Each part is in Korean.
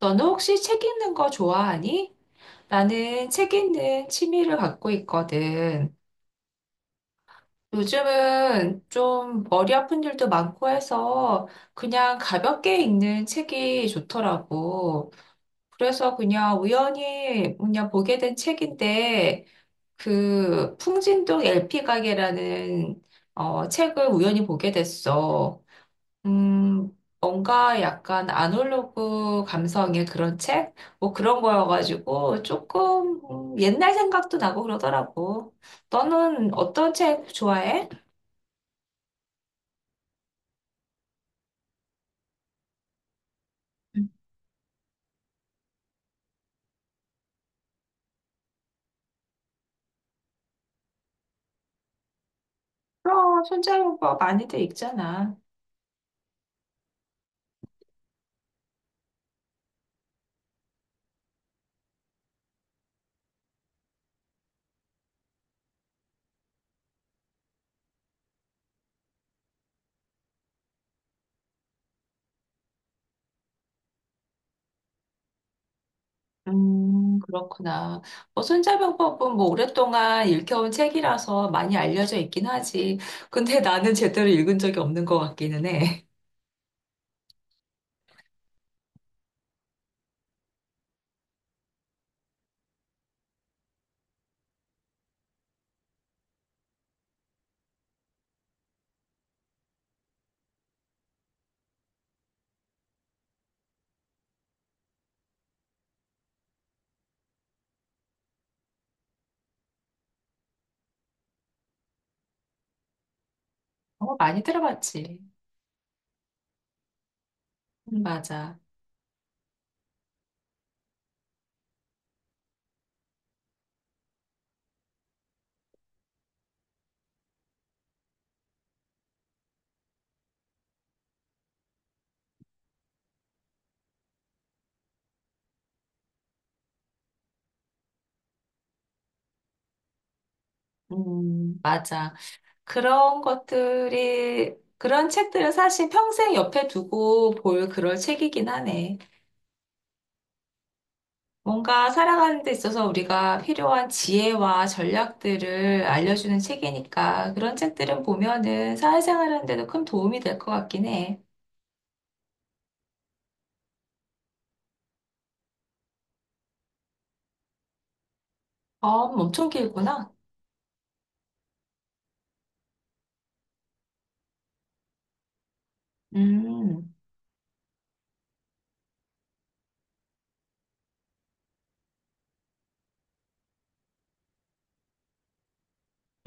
너는 혹시 책 읽는 거 좋아하니? 나는 책 읽는 취미를 갖고 있거든. 요즘은 좀 머리 아픈 일도 많고 해서 그냥 가볍게 읽는 책이 좋더라고. 그래서 그냥 우연히 그냥 보게 된 책인데 그 풍진동 LP 가게라는 책을 우연히 보게 됐어. 뭔가 약간 아날로그 감성의 그런 책? 뭐 그런 거여가지고 조금 옛날 생각도 나고 그러더라고. 너는 어떤 책 좋아해? 음, 그럼 손자병법 많이들 읽잖아. 그렇구나. 뭐 손자병법은 뭐 오랫동안 읽혀온 책이라서 많이 알려져 있긴 하지. 근데 나는 제대로 읽은 적이 없는 것 같기는 해. 어, 많이 들어봤지. 맞아. 맞아. 그런 책들은 사실 평생 옆에 두고 볼 그럴 책이긴 하네. 뭔가 살아가는 데 있어서 우리가 필요한 지혜와 전략들을 알려주는 책이니까 그런 책들은 보면은 사회생활 하는데도 큰 도움이 될 것 같긴 해. 어, 엄청 길구나. 음,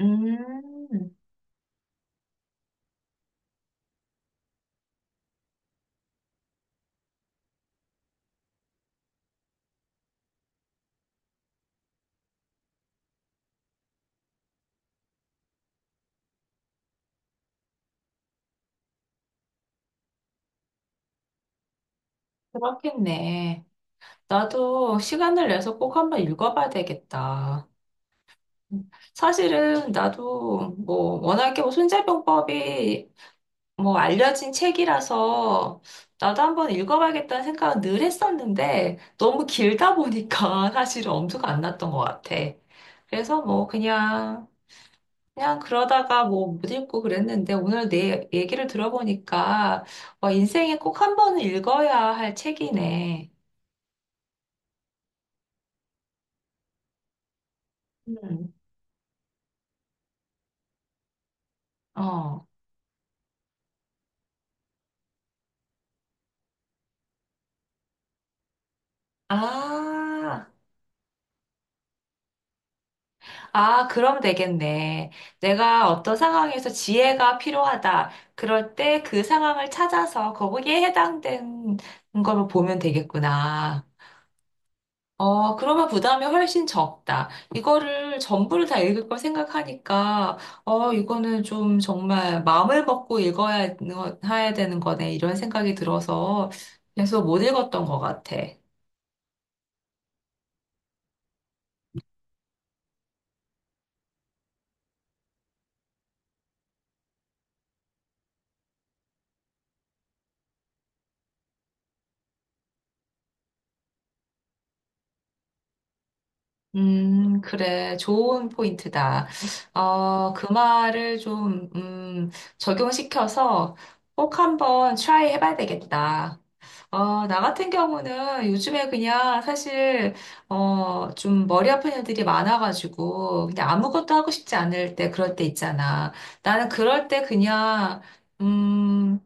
음, 그렇겠네. 나도 시간을 내서 꼭 한번 읽어봐야 되겠다. 사실은 나도 뭐 워낙에 뭐 손자병법이 뭐 알려진 책이라서 나도 한번 읽어봐야겠다는 생각은 늘 했었는데 너무 길다 보니까 사실은 엄두가 안 났던 것 같아. 그래서 뭐 그냥 그러다가 뭐 못 읽고 그랬는데 오늘 내 얘기를 들어보니까 와, 인생에 꼭 한 번은 읽어야 할 책이네. 음, 어. 아. 아, 그럼 되겠네. 내가 어떤 상황에서 지혜가 필요하다. 그럴 때 그 상황을 찾아서 거기에 해당된 걸 보면 되겠구나. 어, 그러면 부담이 훨씬 적다. 이거를 전부를 다 읽을 걸 생각하니까, 이거는 좀 정말 마음을 먹고 읽어야 해야 되는 거네. 이런 생각이 들어서 계속 못 읽었던 것 같아. 그래. 좋은 포인트다. 어, 그 말을 좀, 적용시켜서 꼭 한번 트라이 해봐야 되겠다. 어, 나 같은 경우는 요즘에 그냥 사실, 좀 머리 아픈 일들이 많아가지고, 그냥 아무것도 하고 싶지 않을 때, 그럴 때 있잖아. 나는 그럴 때 음,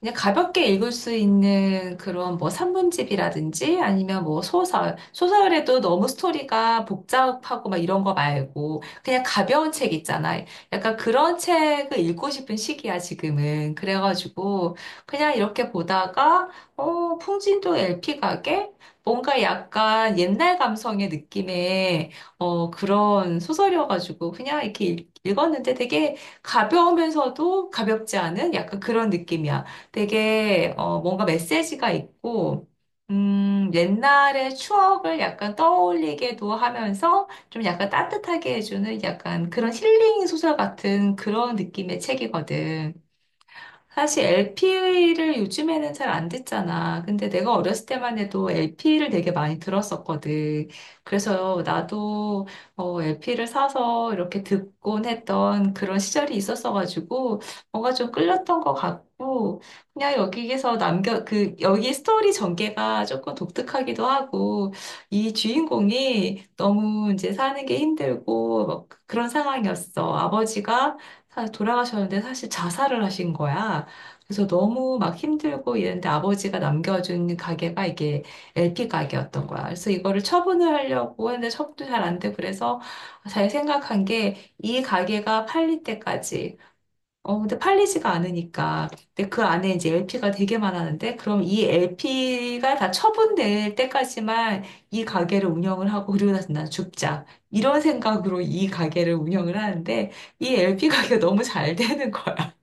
그냥 가볍게 읽을 수 있는 그런 뭐 산문집이라든지 아니면 뭐 소설. 소설에도 너무 스토리가 복잡하고 막 이런 거 말고 그냥 가벼운 책 있잖아. 약간 그런 책을 읽고 싶은 시기야, 지금은. 그래가지고 그냥 이렇게 보다가, 풍진도 LP 가게? 뭔가 약간 옛날 감성의 느낌의 그런 소설이어가지고 그냥 이렇게 읽었는데 되게 가벼우면서도 가볍지 않은 약간 그런 느낌이야. 되게 뭔가 메시지가 있고 옛날의 추억을 약간 떠올리게도 하면서 좀 약간 따뜻하게 해주는 약간 그런 힐링 소설 같은 그런 느낌의 책이거든. 사실 LP를 요즘에는 잘 안 듣잖아. 근데 내가 어렸을 때만 해도 LP를 되게 많이 들었었거든. 그래서 나도 LP를 사서 이렇게 듣곤 했던 그런 시절이 있었어가지고 뭔가 좀 끌렸던 것 같고 그냥 여기에서 남겨 그 여기 스토리 전개가 조금 독특하기도 하고 이 주인공이 너무 이제 사는 게 힘들고 막 그런 상황이었어. 아버지가 돌아가셨는데 사실 자살을 하신 거야. 그래서 너무 막 힘들고 이랬는데 아버지가 남겨준 가게가 이게 LP 가게였던 거야. 그래서 이거를 처분을 하려고 했는데 처분도 잘 안 되고 그래서 잘 생각한 게 이 가게가 팔릴 때까지 근데 팔리지가 않으니까. 근데 그 안에 이제 LP가 되게 많았는데, 그럼 이 LP가 다 처분될 때까지만 이 가게를 운영을 하고, 그리고 나서 난 죽자. 이런 생각으로 이 가게를 운영을 하는데, 이 LP 가게가 너무 잘 되는 거야.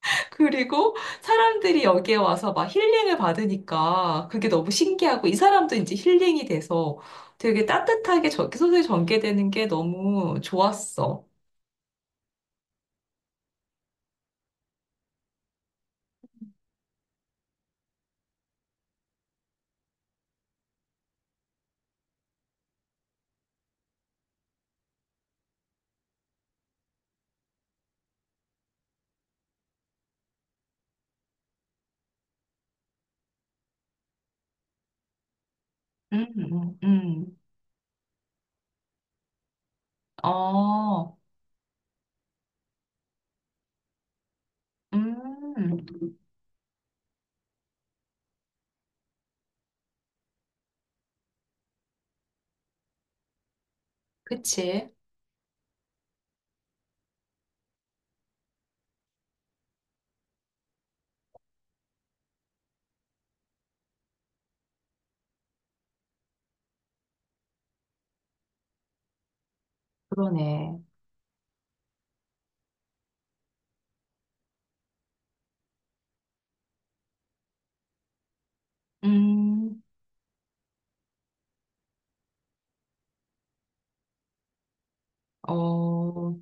그리고 사람들이 여기에 와서 막 힐링을 받으니까 그게 너무 신기하고, 이 사람도 이제 힐링이 돼서 되게 따뜻하게 저 소설이 전개되는 게 너무 좋았어. 음, 음, 음. 어. 음, 그치. 그러네. 음, 어,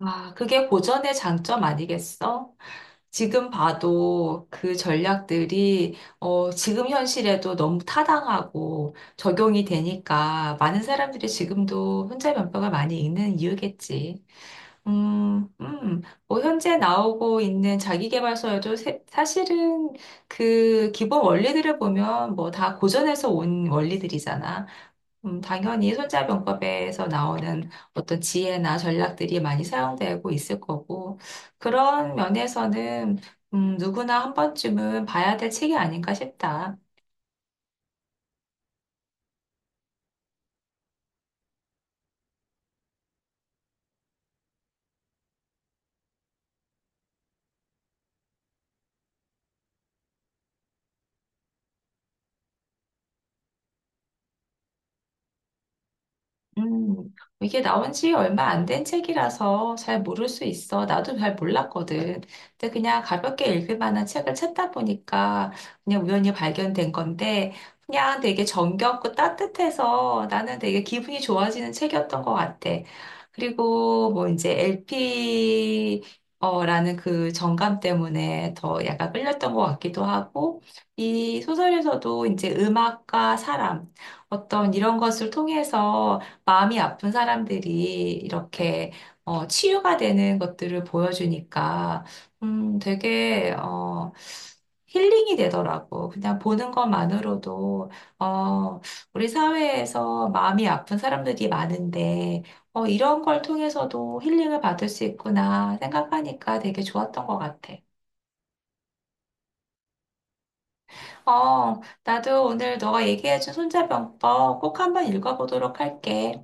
아, 그게 고전의 장점 아니겠어? 지금 봐도 그 전략들이, 지금 현실에도 너무 타당하고 적용이 되니까 많은 사람들이 지금도 혼자 면벽을 많이 읽는 이유겠지. 음, 음, 뭐, 현재 나오고 있는 자기계발서에도 사실은 그 기본 원리들을 보면 뭐 다 고전에서 온 원리들이잖아. 당연히 손자병법에서 나오는 어떤 지혜나 전략들이 많이 사용되고 있을 거고, 그런 면에서는 누구나 한 번쯤은 봐야 될 책이 아닌가 싶다. 음, 이게 나온 지 얼마 안 된 책이라서 잘 모를 수 있어. 나도 잘 몰랐거든. 근데 그냥 가볍게 읽을 만한 책을 찾다 보니까 그냥 우연히 발견된 건데, 그냥 되게 정겹고 따뜻해서 나는 되게 기분이 좋아지는 책이었던 것 같아. 그리고 뭐 이제 LP, 라는 그 정감 때문에 더 약간 끌렸던 것 같기도 하고, 이 소설에서도 이제 음악과 사람, 어떤 이런 것을 통해서 마음이 아픈 사람들이 이렇게 치유가 되는 것들을 보여주니까 되게 힐링이 되더라고. 그냥 보는 것만으로도 어, 우리 사회에서 마음이 아픈 사람들이 많은데 이런 걸 통해서도 힐링을 받을 수 있구나 생각하니까 되게 좋았던 것 같아. 나도 오늘 너가 얘기해준 손자병법 꼭 한번 읽어보도록 할게.